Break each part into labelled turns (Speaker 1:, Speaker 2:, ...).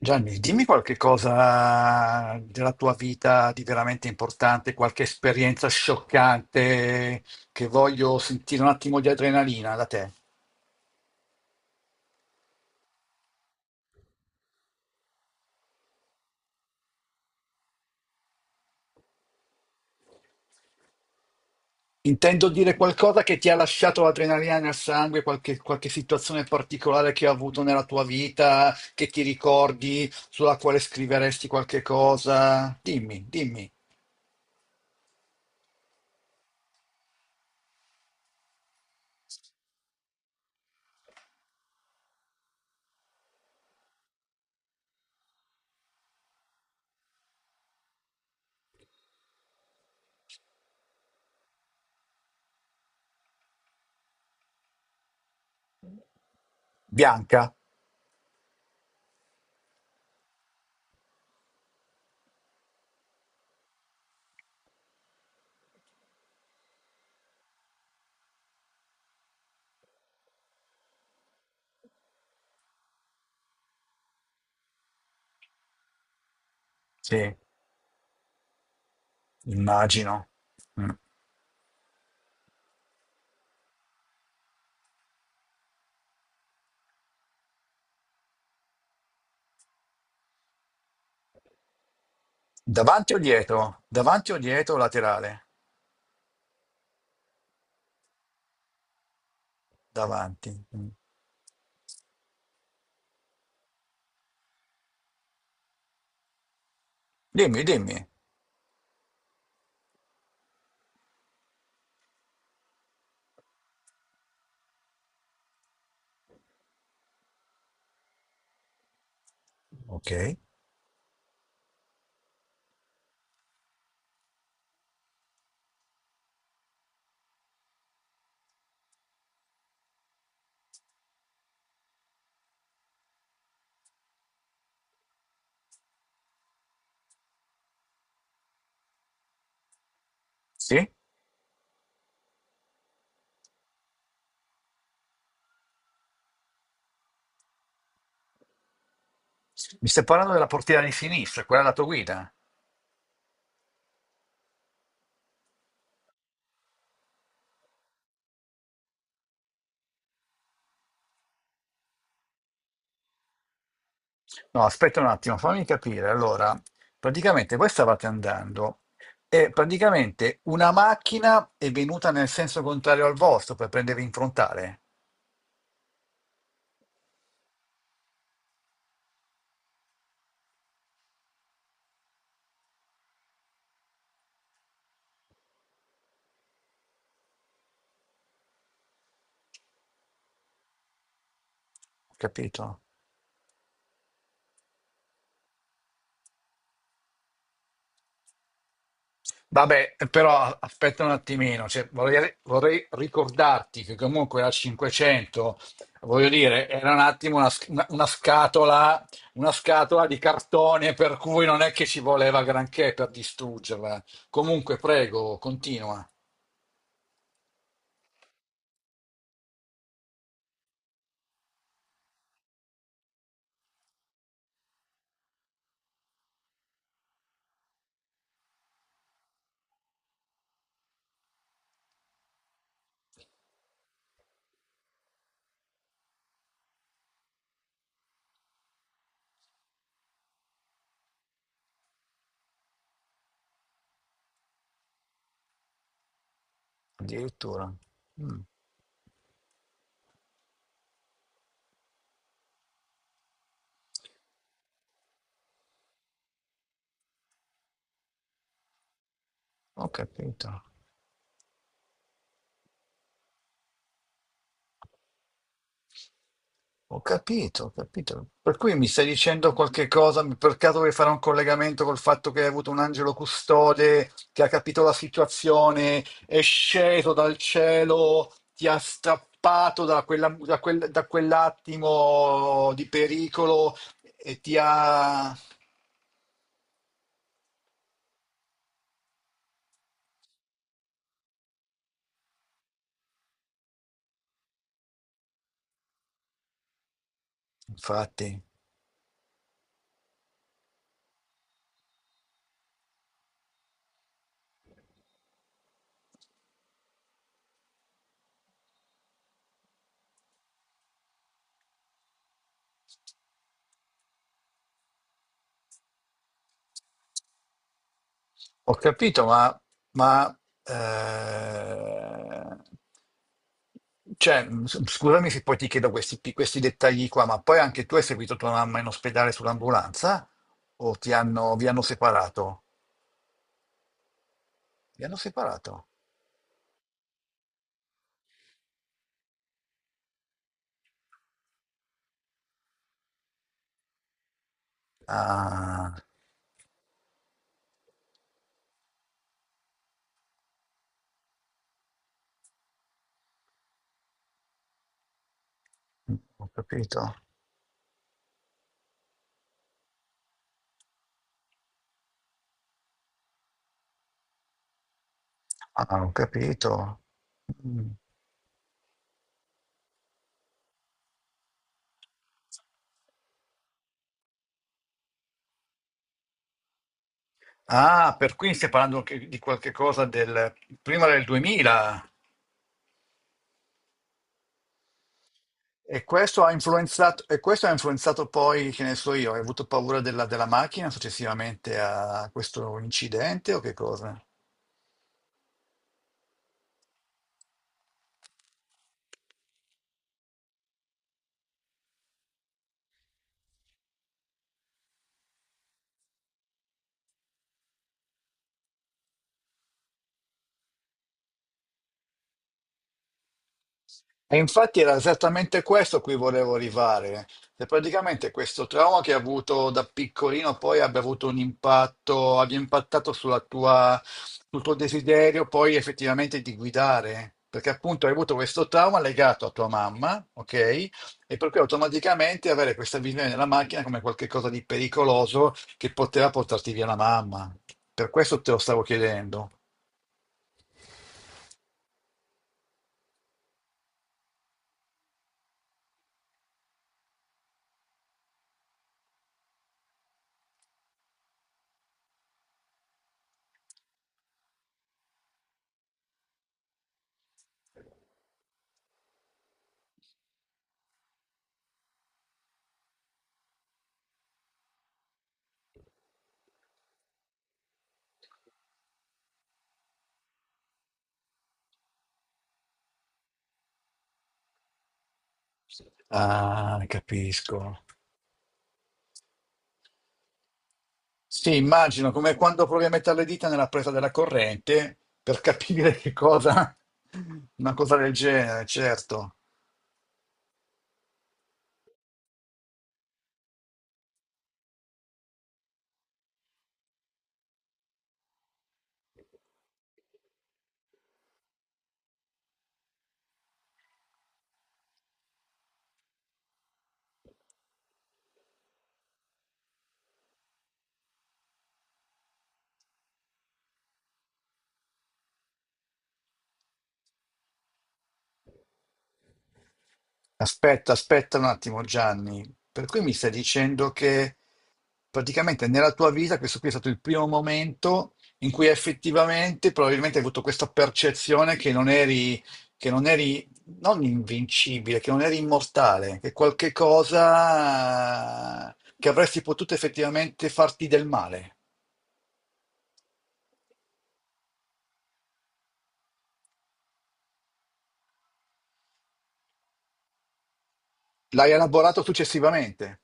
Speaker 1: Gianni, dimmi qualche cosa della tua vita di veramente importante, qualche esperienza scioccante che voglio sentire un attimo di adrenalina da te. Intendo dire qualcosa che ti ha lasciato l'adrenalina nel sangue, qualche situazione particolare che hai avuto nella tua vita, che ti ricordi, sulla quale scriveresti qualche cosa. Dimmi, dimmi. Bianca? Sì, immagino. Mm. Davanti o dietro? Davanti o dietro o laterale? Davanti. Mm. Dimmi, dimmi. Ok. Sì? Mi stai parlando della portiera di sinistra, quella della tua guida? No, aspetta un attimo, fammi capire. Allora, praticamente voi stavate andando e praticamente una macchina è venuta nel senso contrario al vostro per prendervi in frontale. Ho capito? Vabbè, però aspetta un attimino, cioè, vorrei ricordarti che comunque la 500, voglio dire, era un attimo una, una scatola di cartone, per cui non è che ci voleva granché per distruggerla. Comunque, prego, continua. Addirittura. Mm, ho capito. Ho capito, ho capito. Per cui mi stai dicendo qualche cosa, per caso vuoi fare un collegamento col fatto che hai avuto un angelo custode che ha capito la situazione, è sceso dal cielo, ti ha strappato da, da quell'attimo di pericolo e ti ha... Infatti. Ho capito, ma, eh, cioè, scusami se poi ti chiedo questi, questi dettagli qua, ma poi anche tu hai seguito tua mamma in ospedale sull'ambulanza o ti hanno, vi hanno separato? Vi hanno separato? Ah, ho capito. Ah, ho capito. Mm. Ah, per cui stiamo parlando di qualche cosa del prima del 2000. E questo ha influenzato, e questo ha influenzato poi, che ne so io, hai avuto paura della, della macchina successivamente a questo incidente o che cosa? E infatti era esattamente questo a cui volevo arrivare, che praticamente questo trauma che hai avuto da piccolino poi abbia avuto un impatto, abbia impattato sulla tua, sul tuo desiderio poi effettivamente di guidare, perché appunto hai avuto questo trauma legato a tua mamma, ok? E per cui automaticamente avere questa visione della macchina come qualcosa di pericoloso che poteva portarti via la mamma. Per questo te lo stavo chiedendo. Ah, capisco. Sì, immagino, come quando provi a mettere le dita nella presa della corrente per capire che cosa, una cosa del genere, certo. Aspetta, aspetta un attimo, Gianni. Per cui mi stai dicendo che praticamente nella tua vita questo qui è stato il primo momento in cui effettivamente probabilmente hai avuto questa percezione che non eri non invincibile, che non eri immortale, che qualche cosa che avresti potuto effettivamente farti del male. L'hai elaborato successivamente.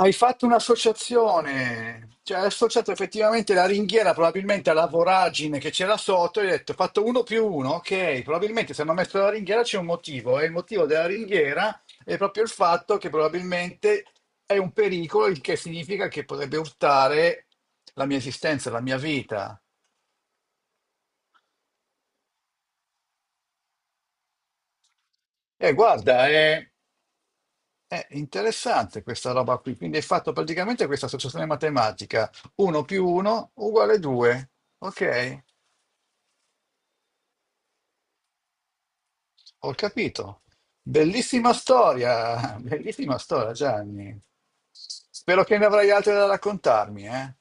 Speaker 1: Hai fatto un'associazione, cioè hai associato effettivamente la ringhiera probabilmente alla voragine che c'era sotto, e hai detto ho fatto uno più uno, ok, probabilmente se hanno messo la ringhiera c'è un motivo e il motivo della ringhiera è proprio il fatto che probabilmente è un pericolo, il che significa che potrebbe urtare la mia esistenza, la mia vita. E guarda, è interessante questa roba qui, quindi hai fatto praticamente questa associazione matematica, 1 più 1 uguale 2, ok? Ho capito. Bellissima storia, bellissima storia, Gianni. Spero che ne avrai altre da raccontarmi, eh?